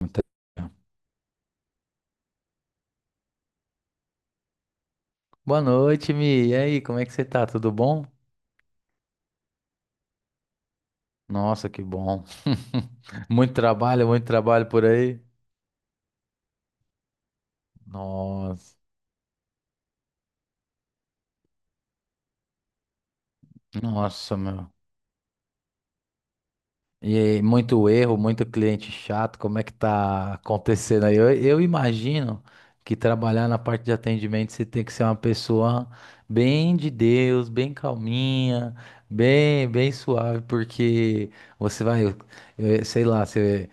Muita- Boa noite, Mi. E aí, como é que você tá? Tudo bom? Nossa, que bom. Muito trabalho por aí. Nossa, nossa, meu. E muito erro, muito cliente chato, como é que tá acontecendo aí? Eu imagino que trabalhar na parte de atendimento você tem que ser uma pessoa bem de Deus, bem calminha, bem suave, porque você vai, sei lá, você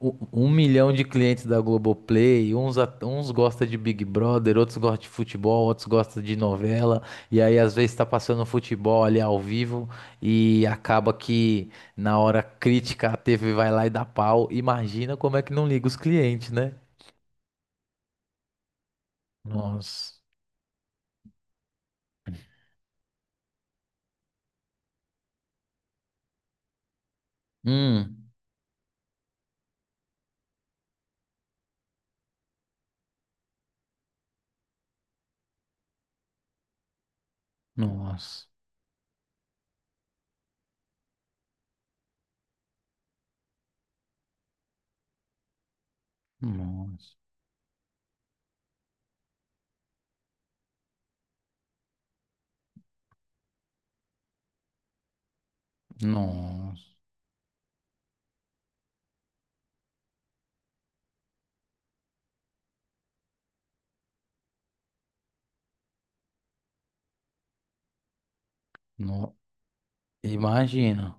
um milhão de clientes da Globoplay, uns gostam de Big Brother, outros gostam de futebol, outros gostam de novela, e aí às vezes tá passando futebol ali ao vivo e acaba que na hora crítica, a TV vai lá e dá pau. Imagina como é que não liga os clientes, né? Nossa. Hum. Nossa. Nossa. Nossa. No... Imagina.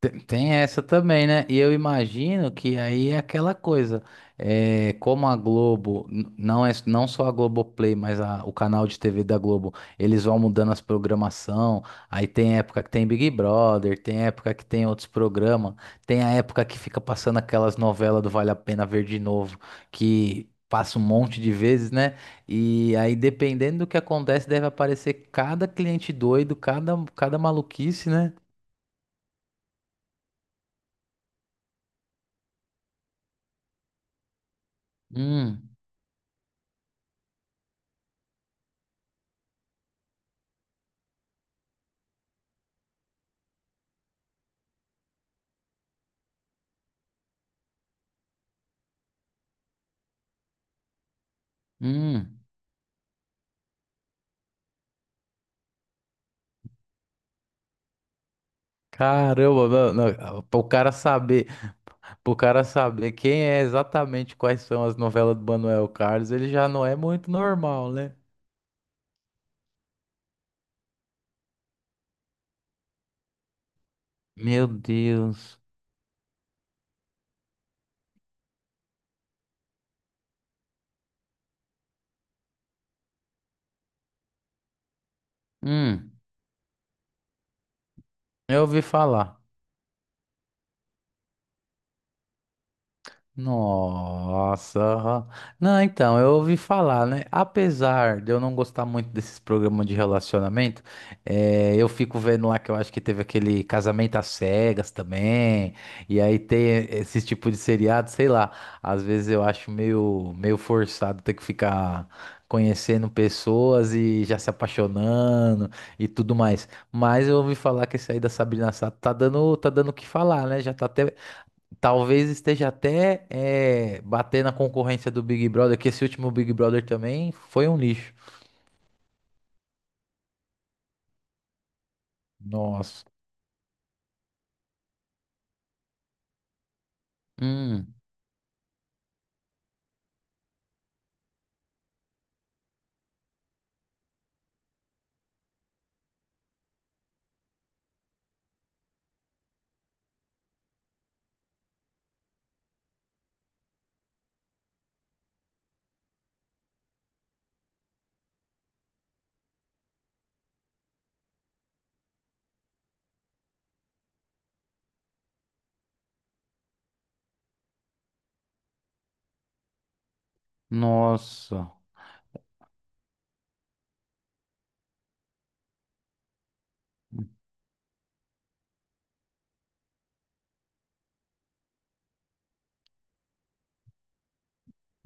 Tem tem essa também, né? E eu imagino que aí é aquela coisa, é, como a Globo, não é não só a Globoplay, mas o canal de TV da Globo, eles vão mudando as programação, aí tem época que tem Big Brother, tem época que tem outros programas, tem a época que fica passando aquelas novelas do Vale a Pena Ver de novo, que passa um monte de vezes, né? E aí, dependendo do que acontece, deve aparecer cada cliente doido, cada maluquice, né? Hum. Hum, caramba, não, não, para o cara saber quem é exatamente quais são as novelas do Manuel Carlos, ele já não é muito normal, né? Meu Deus. Hum, eu ouvi falar. Nossa. Não, então, eu ouvi falar, né? Apesar de eu não gostar muito desses programas de relacionamento, eu fico vendo lá que eu acho que teve aquele Casamento às Cegas também, e aí tem esse tipo de seriado, sei lá. Às vezes eu acho meio, meio forçado ter que ficar conhecendo pessoas e já se apaixonando e tudo mais. Mas eu ouvi falar que esse aí da Sabrina Sato tá dando o que falar, né? Já tá até Talvez esteja até bater na concorrência do Big Brother, que esse último Big Brother também foi um lixo. Nossa. Hum, nossa.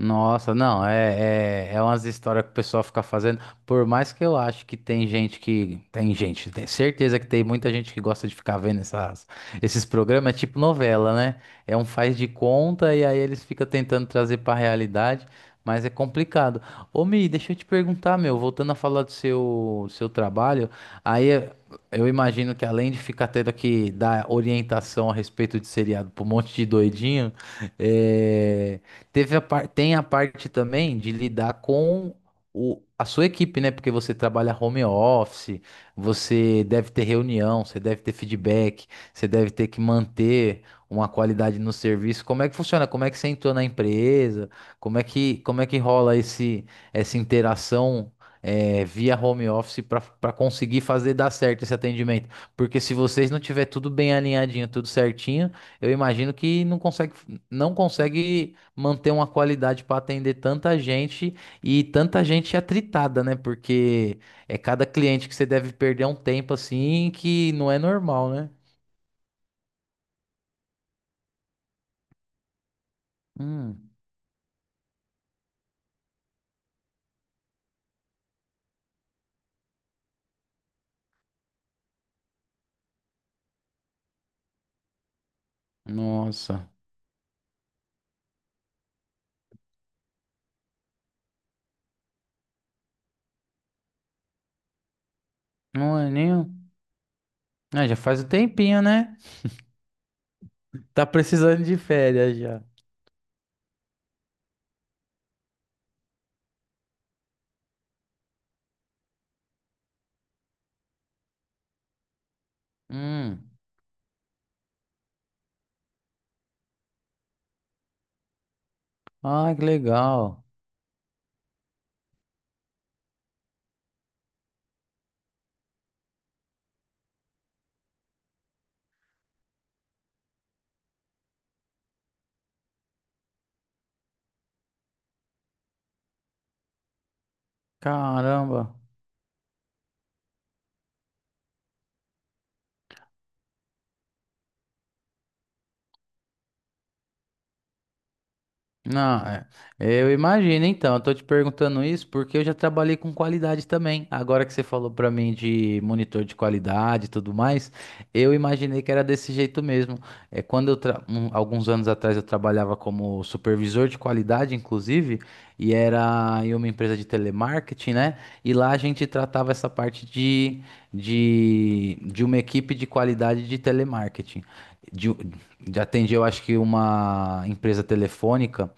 Nossa, não, é umas histórias que o pessoal fica fazendo. Por mais que eu acho que. Tem gente, tem certeza que tem muita gente que gosta de ficar vendo essas, esses programas, é tipo novela, né? É um faz de conta e aí eles ficam tentando trazer pra realidade, mas é complicado. Ô, Mi, deixa eu te perguntar, meu, voltando a falar do seu trabalho, aí eu imagino que além de ficar tendo que dar orientação a respeito de seriado pra um monte de doidinho, é. Tem a parte também de lidar com a sua equipe, né? Porque você trabalha home office, você deve ter reunião, você deve ter feedback, você deve ter que manter uma qualidade no serviço. Como é que funciona? Como é que você entrou na empresa? Como é que rola essa interação? Via home office para conseguir fazer dar certo esse atendimento. Porque se vocês não tiver tudo bem alinhadinho, tudo certinho, eu imagino que não consegue, não consegue manter uma qualidade para atender tanta gente e tanta gente atritada, né? Porque é cada cliente que você deve perder um tempo assim que não é normal, né? Hum, nossa, não é nem. Ah, já faz um tempinho, né? Tá precisando de férias já. Hum, ah, que legal. Caramba. Não, é. Eu imagino, então. Eu tô te perguntando isso porque eu já trabalhei com qualidade também. Agora que você falou pra mim de monitor de qualidade e tudo mais, eu imaginei que era desse jeito mesmo. É quando eu alguns anos atrás eu trabalhava como supervisor de qualidade, inclusive, e era em uma empresa de telemarketing, né? E lá a gente tratava essa parte de uma equipe de qualidade de telemarketing. De, de atender, eu acho que uma empresa telefônica.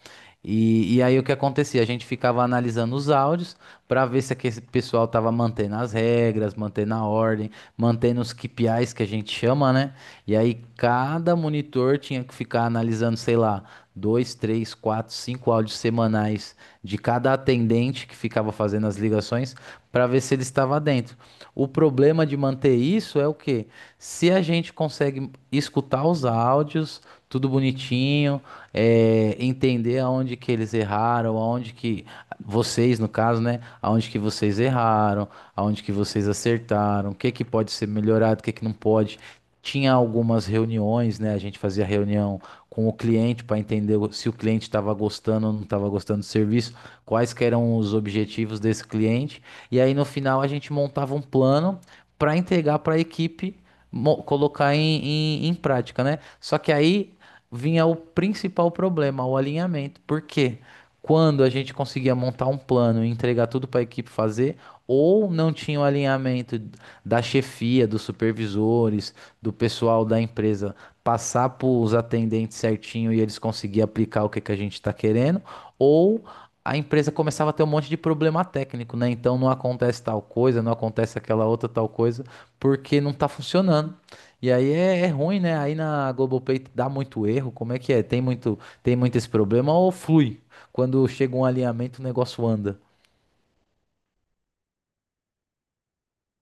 E aí o que acontecia? A gente ficava analisando os áudios para ver se aquele pessoal estava mantendo as regras, mantendo a ordem, mantendo os KPIs que a gente chama, né? E aí cada monitor tinha que ficar analisando, sei lá, dois, três, quatro, cinco áudios semanais de cada atendente que ficava fazendo as ligações para ver se ele estava dentro. O problema de manter isso é o quê? Se a gente consegue escutar os áudios, tudo bonitinho, é, entender aonde que eles erraram, aonde que vocês, no caso, né, aonde que vocês erraram, aonde que vocês acertaram, o que que pode ser melhorado, o que que não pode. Tinha algumas reuniões, né? A gente fazia reunião com o cliente para entender se o cliente estava gostando ou não estava gostando do serviço, quais que eram os objetivos desse cliente. E aí no final a gente montava um plano para entregar para a equipe colocar em prática, né? Só que aí vinha o principal problema, o alinhamento, porque quando a gente conseguia montar um plano e entregar tudo para a equipe fazer, ou não tinha o alinhamento da chefia, dos supervisores, do pessoal da empresa passar para os atendentes certinho e eles conseguiam aplicar o que, que a gente está querendo, ou a empresa começava a ter um monte de problema técnico, né? Então não acontece tal coisa, não acontece aquela outra tal coisa, porque não está funcionando. E aí é, é ruim, né? Aí na Globoplay dá muito erro. Como é que é? Tem muito, esse problema ou flui? Quando chega um alinhamento, o negócio anda.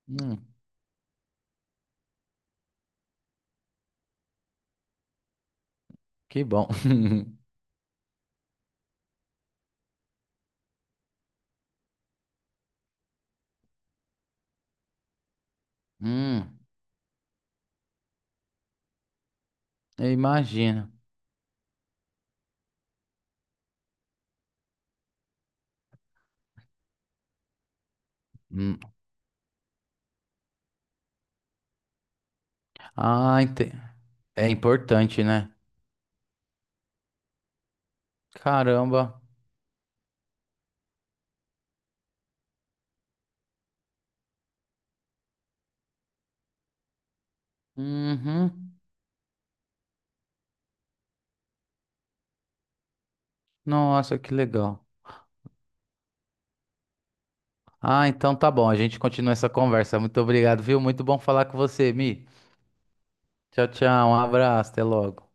Hum, que bom. Hum, eu imagino. Hum. Ah, é importante, né? Caramba. Uhum. Nossa, que legal. Ah, então tá bom. A gente continua essa conversa. Muito obrigado, viu? Muito bom falar com você, Mi. Tchau, tchau. Um abraço. Até logo.